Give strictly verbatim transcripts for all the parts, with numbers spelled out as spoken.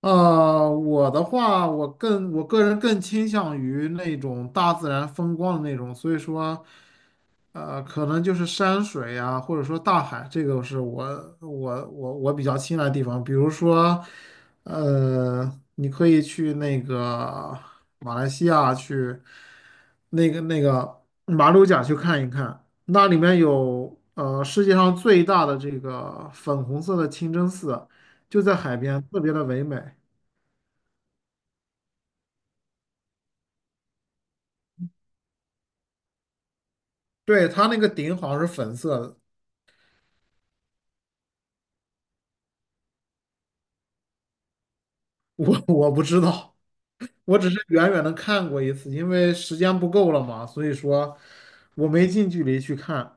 呃，我的话，我更我个人更倾向于那种大自然风光的那种，所以说，呃，可能就是山水呀，或者说大海，这个是我我我我比较青睐的地方。比如说，呃，你可以去那个马来西亚去那个那个马六甲去看一看，那里面有呃世界上最大的这个粉红色的清真寺，就在海边，特别的唯美。对，它那个顶好像是粉色的，我我不知道，我只是远远的看过一次，因为时间不够了嘛，所以说我没近距离去看。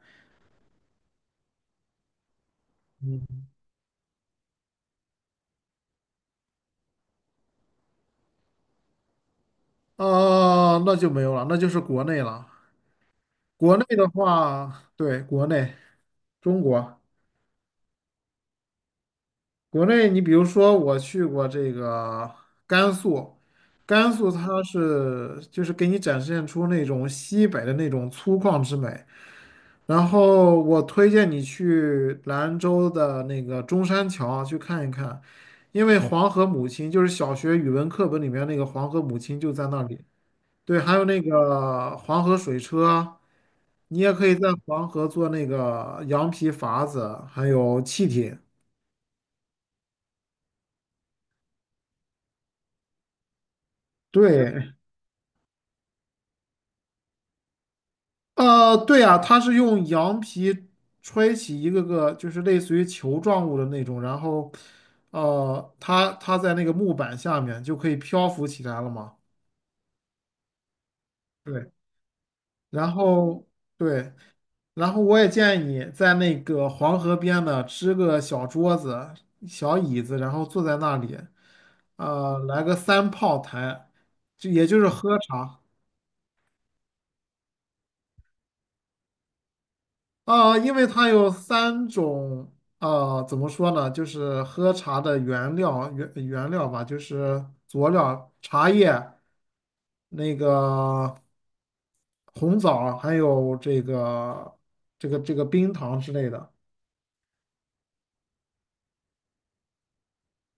嗯，啊，那就没有了，那就是国内了。国内的话，对，国内，中国，国内，你比如说我去过这个甘肃，甘肃它是就是给你展现出那种西北的那种粗犷之美。然后我推荐你去兰州的那个中山桥去看一看，因为黄河母亲就是小学语文课本里面那个黄河母亲就在那里。对，还有那个黄河水车，你也可以在黄河做那个羊皮筏子，还有气艇。对，呃，对啊，它是用羊皮吹起一个个就是类似于球状物的那种，然后，呃，它它在那个木板下面就可以漂浮起来了嘛。对，然后对，然后我也建议你在那个黄河边呢支个小桌子、小椅子，然后坐在那里，呃，来个三炮台，就也就是喝茶啊，因为它有三种，呃，怎么说呢，就是喝茶的原料原原料吧，就是佐料、茶叶、那个红枣，还有这个这个这个冰糖之类的。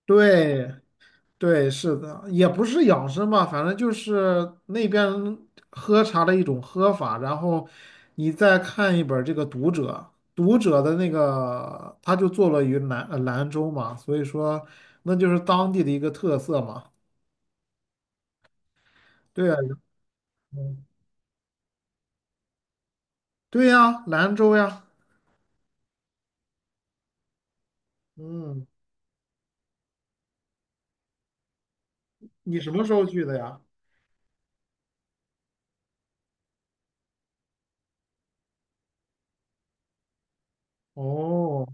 对对，是的，也不是养生吧，反正就是那边喝茶的一种喝法。然后你再看一本这个《读者》，《读者》的那个他就坐落于兰呃兰州嘛，所以说那就是当地的一个特色嘛。对呀，嗯对呀，兰州呀，嗯，你什么时候去的呀？哦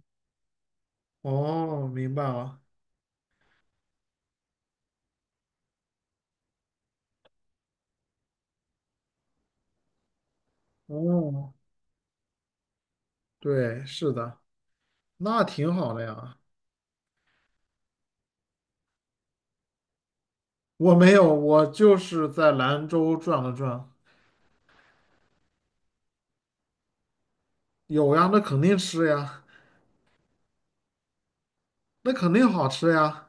哦，明白了，哦，对，是的，那挺好的呀。我没有，我就是在兰州转了转，有呀，那肯定吃呀，那肯定好吃呀，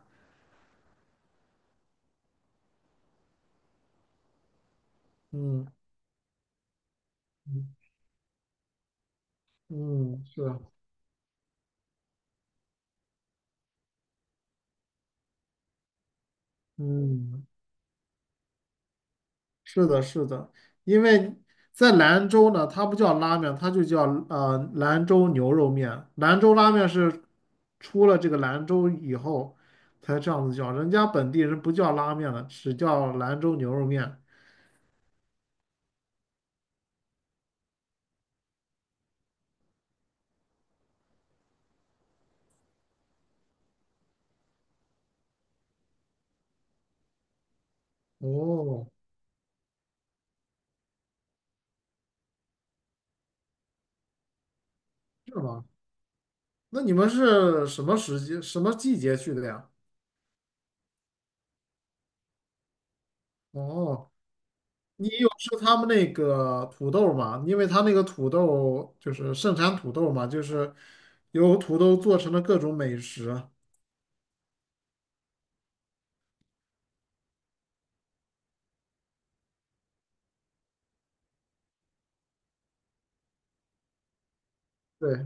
嗯嗯嗯，是啊，嗯，是的，是的，因为在兰州呢，它不叫拉面，它就叫呃兰州牛肉面，兰州拉面是出了这个兰州以后才这样子叫，人家本地人不叫拉面了，只叫兰州牛肉面。哦，是吗？那你们是什么时节、什么季节去的呀？哦，你有吃他们那个土豆吗？因为他那个土豆就是盛产土豆嘛，就是有土豆做成的各种美食。对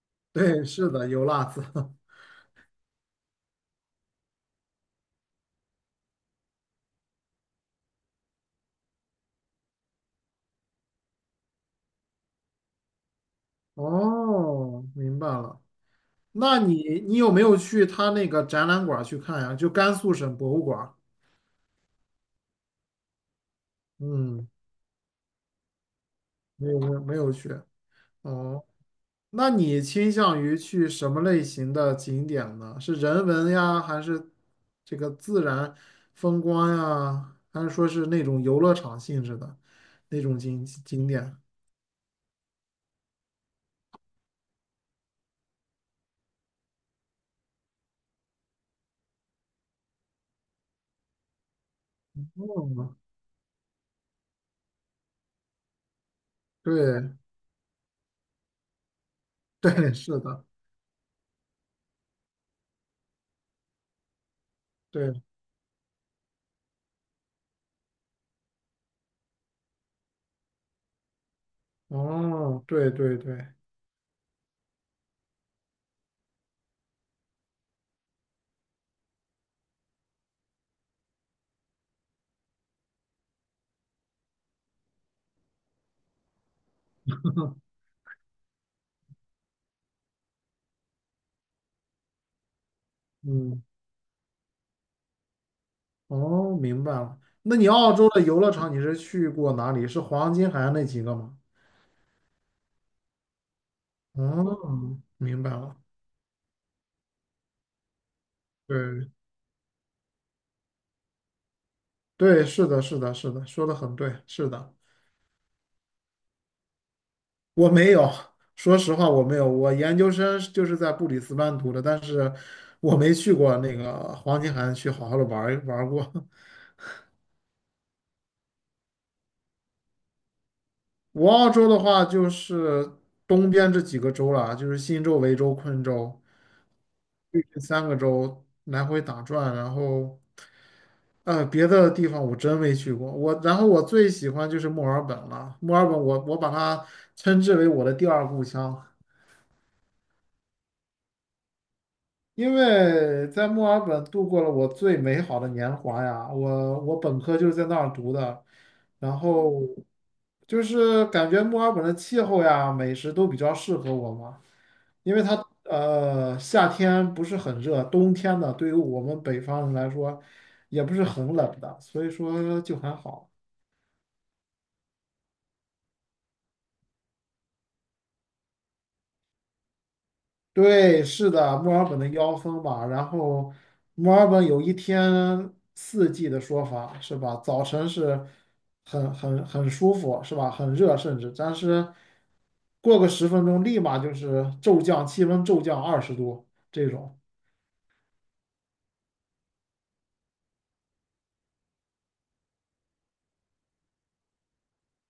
对，是的，油辣子。哦，明白了。那你你有没有去他那个展览馆去看呀？就甘肃省博物馆嗯，没有没有没有去。哦，那你倾向于去什么类型的景点呢？是人文呀，还是这个自然风光呀，还是说是那种游乐场性质的那种景景点？嗯，对 对，是的，对，哦，对对对，嗯，哦，明白了。那你澳洲的游乐场你是去过哪里？是黄金海岸那几个吗？哦，明白了。对对，是的，是的，是的，说的很对，是的。我没有，说实话我没有。我研究生是就是在布里斯班读的，但是我没去过那个黄金海岸去好好的玩儿玩儿过。我澳洲的话就是东边这几个州了，就是新州、维州、昆州，这三个州来回打转。然后呃，别的地方我真没去过。我然后我最喜欢就是墨尔本了，墨尔本我我把它称之为我的第二故乡。因为在墨尔本度过了我最美好的年华呀，我我本科就是在那儿读的，然后就是感觉墨尔本的气候呀、美食都比较适合我嘛，因为它呃夏天不是很热，冬天呢对于我们北方人来说也不是很冷的，所以说就还好。对，是的，墨尔本的妖风吧。然后，墨尔本有一天四季的说法是吧？早晨是很很很舒服是吧？很热，甚至但是过个十分钟，立马就是骤降，气温骤降二十度这种。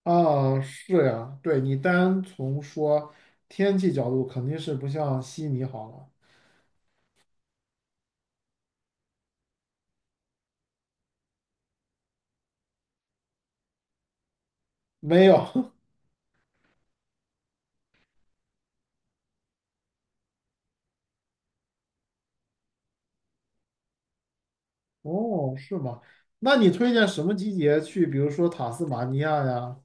啊，是呀，对你单从说天气角度，肯定是不像悉尼好了。没有，哦，是吗？那你推荐什么季节去？比如说塔斯马尼亚呀？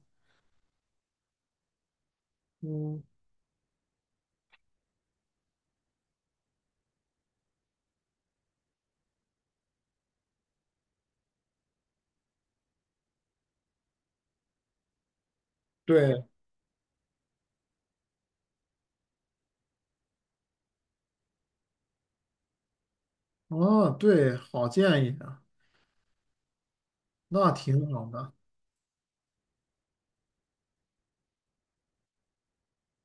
嗯。对，哦，对，好建议啊，那挺好的。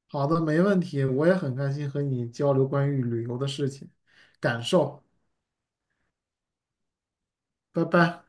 好的，没问题，我也很开心和你交流关于旅游的事情，感受。拜拜。